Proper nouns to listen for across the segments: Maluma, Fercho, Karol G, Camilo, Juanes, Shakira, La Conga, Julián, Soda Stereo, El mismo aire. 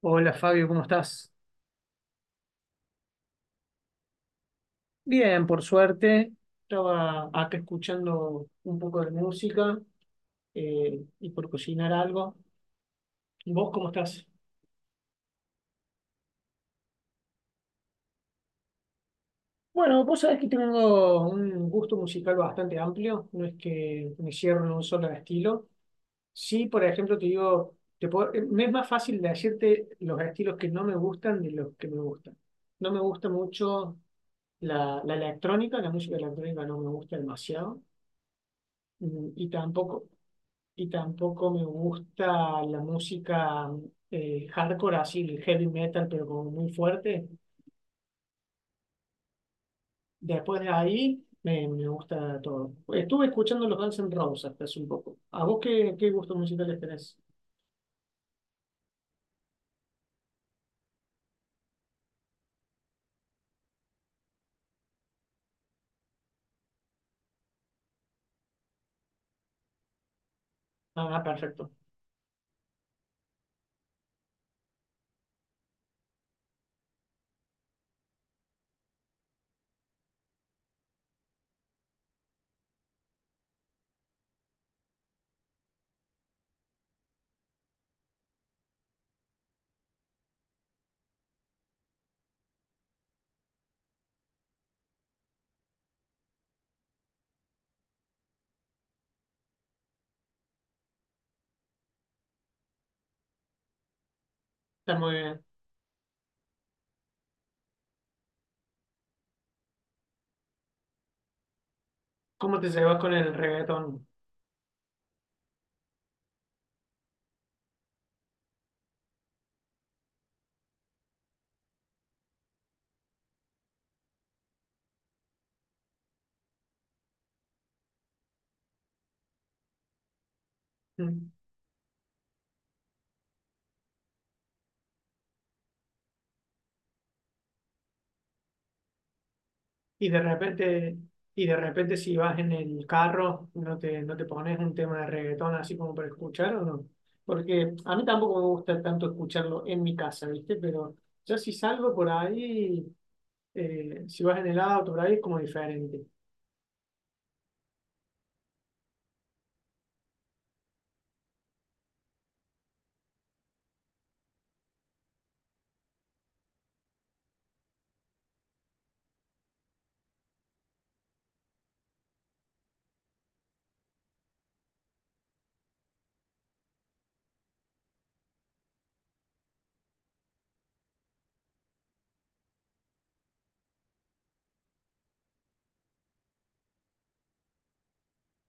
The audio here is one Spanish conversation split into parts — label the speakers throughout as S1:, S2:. S1: Hola Fabio, ¿cómo estás? Bien, por suerte. Estaba acá escuchando un poco de música, y por cocinar algo. ¿Vos cómo estás? Bueno, vos sabés que tengo un gusto musical bastante amplio, no es que me cierro en un solo estilo. Sí, por ejemplo, te digo, me es más fácil decirte los estilos que no me gustan de los que me gustan. No me gusta mucho la electrónica, la música electrónica no me gusta demasiado. Mm, y tampoco, y tampoco me gusta la música hardcore, así el heavy metal, pero como muy fuerte. Después de ahí me gusta todo. Estuve escuchando los Guns N' Roses hasta hace un poco. ¿A vos qué gustos musicales tenés? Ah, perfecto. Está muy bien. ¿Cómo te llevas con el reggaetón? Mm. Y de repente, y de repente si vas en el carro, no te pones un tema de reggaetón así como para escuchar o no. Porque a mí tampoco me gusta tanto escucharlo en mi casa, ¿viste? Pero yo si salgo por ahí, si vas en el auto por ahí es como diferente.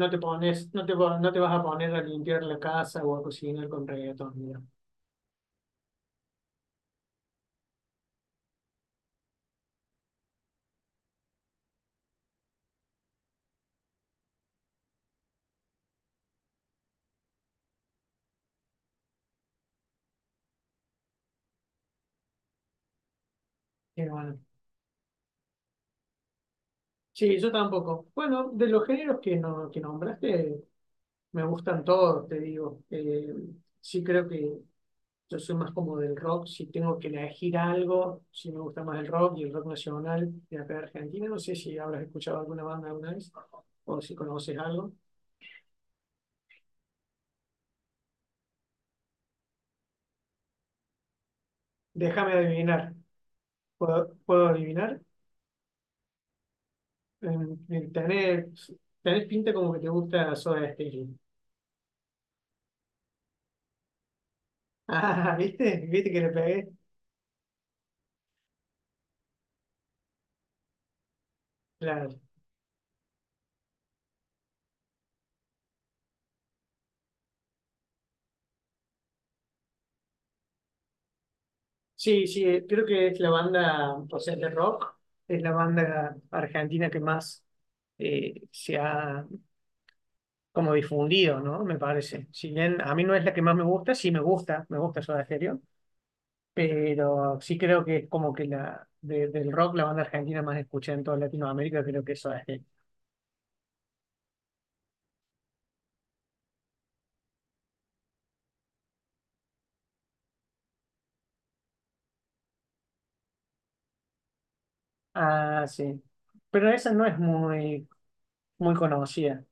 S1: No te pones, no te vas a poner a limpiar la casa o a cocinar con reggaetón, mira. Qué bueno. Sí, yo tampoco. Bueno, de los géneros que, no, que nombraste, me gustan todos, te digo. Sí creo que yo soy más como del rock. Si tengo que elegir algo, sí me gusta más el rock y el rock nacional de acá de Argentina. No sé si habrás escuchado alguna banda alguna vez o si conoces algo. Déjame adivinar. ¿Puedo adivinar? Eh, tenés, tenés pinta como que te gusta Soda Stereo. Ah, ¿viste? ¿Viste que le pegué? Claro. Sí, sí, creo que es la banda, o sea, de rock, es la banda argentina que más se ha como difundido, ¿no? Me parece. Si bien a mí no es la que más me gusta, sí me gusta Soda Stereo, pero sí creo que es como que del rock, la banda argentina más escuchada en toda Latinoamérica, creo que es Soda Stereo. Ah, sí. Pero esa no es muy conocida.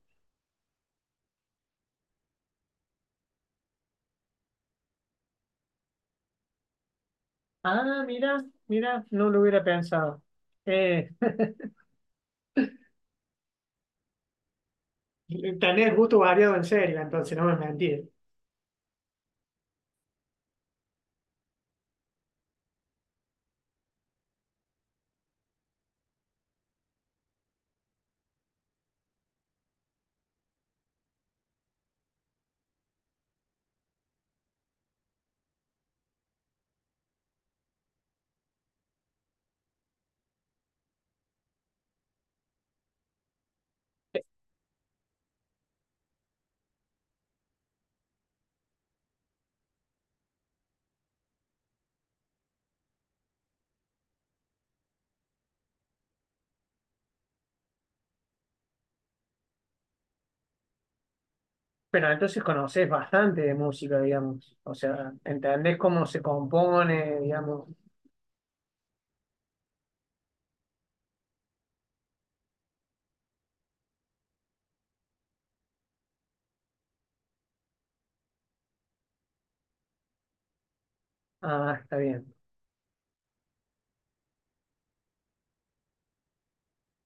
S1: Ah, mira, no lo hubiera pensado. Eh, tenés gusto variado en serio, entonces no me mentí. Pero entonces conoces bastante de música, digamos. O sea, entendés cómo se compone, digamos. Ah, está bien.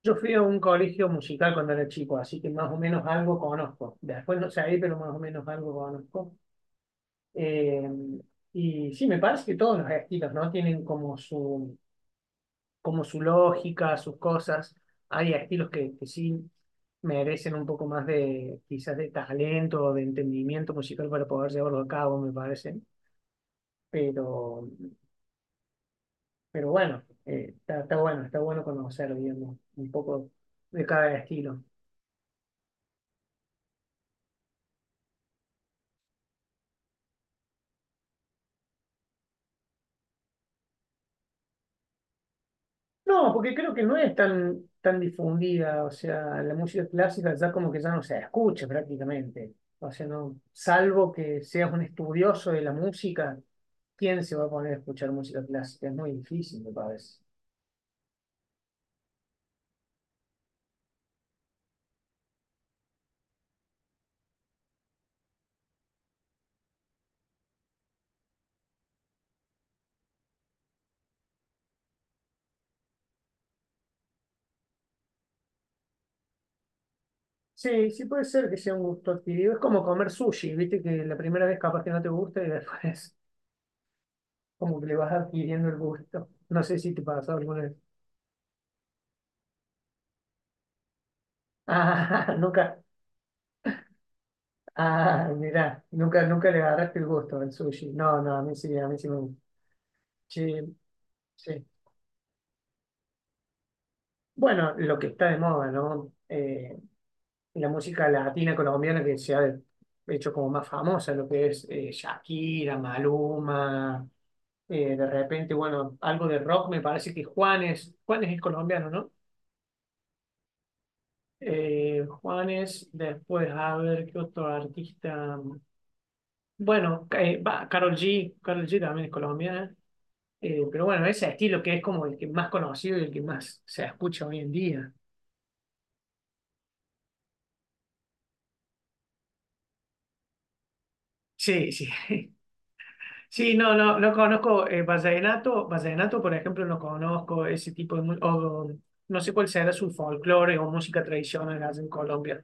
S1: Yo fui a un colegio musical cuando era chico, así que más o menos algo conozco. Después no sé ahí, pero más o menos algo conozco. Eh, y sí, me parece que todos los estilos, ¿no? Tienen como como su lógica, sus cosas. Hay estilos que sí merecen un poco más de, quizás de talento o de entendimiento musical para poder llevarlo a cabo, me parece, pero Pero bueno, está, está bueno conocer, digamos, un poco de cada estilo. No, porque creo que no es tan difundida, o sea, la música clásica ya como que ya no se escucha prácticamente. O sea, no, salvo que seas un estudioso de la música, ¿quién se va a poner a escuchar música clásica? Es muy difícil, me parece. Sí, sí puede ser que sea un gusto adquirido. Es como comer sushi, viste que la primera vez capaz que no te gusta y después como que le vas adquiriendo el gusto. No sé si te pasó alguna vez. Ah, nunca, ah, mira, nunca, nunca le agarraste el gusto al sushi. No, no, a mí sí me gusta. Sí, sí. Bueno, lo que está de moda, ¿no? La música latina colombiana que se ha hecho como más famosa, lo que es Shakira, Maluma, de repente, bueno, algo de rock, me parece que Juanes, Juanes es colombiano, ¿no? Juanes, después, a ver, ¿qué otro artista? Bueno, va, Karol G, Karol G también es colombiana. Pero bueno, ese estilo que es como el que más conocido y el que más se escucha hoy en día. Sí, sí. Sí, no, no, no conozco vallenato. Vallenato, por ejemplo, no conozco ese tipo de... no sé cuál será su folclore o música tradicional allá en Colombia.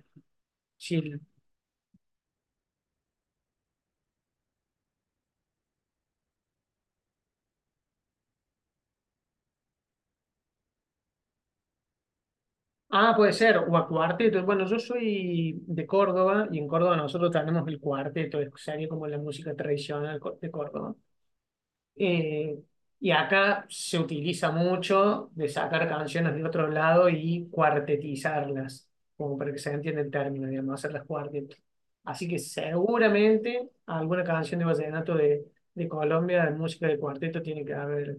S1: Sí. Ah, puede ser. O a cuarteto. Bueno, yo soy de Córdoba y en Córdoba nosotros tenemos el cuarteto. Sería como la música tradicional de Córdoba. Eh, y acá se utiliza mucho de sacar canciones de otro lado y cuartetizarlas, como para que se entienda el término, digamos, hacerlas cuarteto. Así que seguramente alguna canción de vallenato de Colombia, de música de cuarteto, tiene que haber.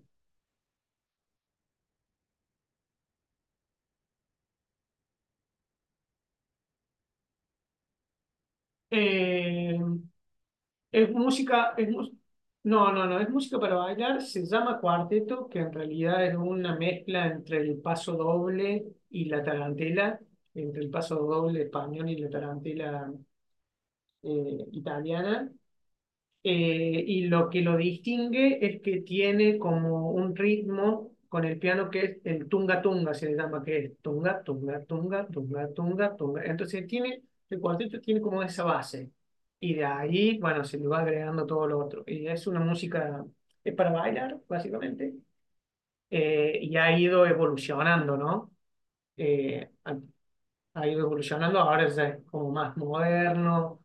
S1: Eh, Es música, es mus- No, no, no, es música para bailar, se llama cuarteto, que en realidad es una mezcla entre el paso doble y la tarantela, entre el paso doble español y la tarantela italiana, y lo que lo distingue es que tiene como un ritmo con el piano que es el tunga tunga, se le llama que es tunga, tunga, tunga, tunga, tunga, tunga. Entonces tiene, el cuarteto tiene como esa base y de ahí, bueno, se le va agregando todo lo otro. Y es una música, es para bailar, básicamente, y ha ido evolucionando, ¿no? Eh, ha, ha ido evolucionando, ahora es como más moderno.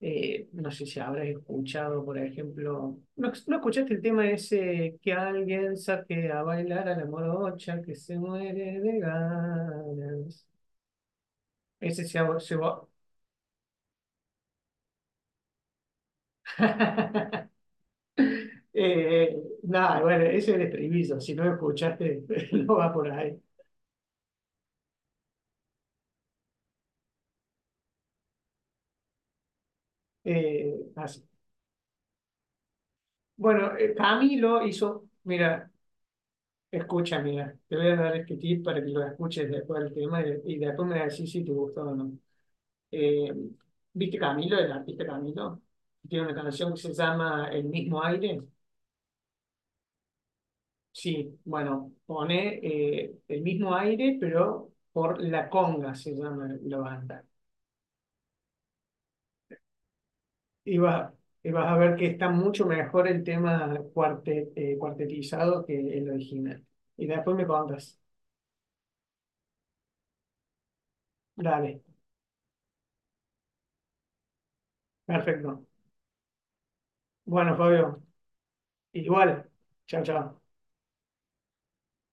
S1: No sé si habrás escuchado, por ejemplo, ¿no escuchaste el tema ese que alguien saque a bailar a la morocha que se muere de ganas? Ese se va. Se va. Eh, Nada, bueno, ese es el estribillo. Si no lo escuchaste, no va por ahí. Así. Bueno, Camilo hizo, mira, escucha, mira, te voy a dar este tip para que lo escuches después del tema y después me decís si te gustó o no. Eh, ¿Viste Camilo, el artista Camilo? Tiene una canción que se llama El mismo aire. Sí, bueno, pone el mismo aire, pero por La Conga se llama la banda. Y, va- y vas a ver que está mucho mejor el tema cuartetizado que el original. Y después me contas. Dale, perfecto. Bueno, Fabio, igual. Chao, chao.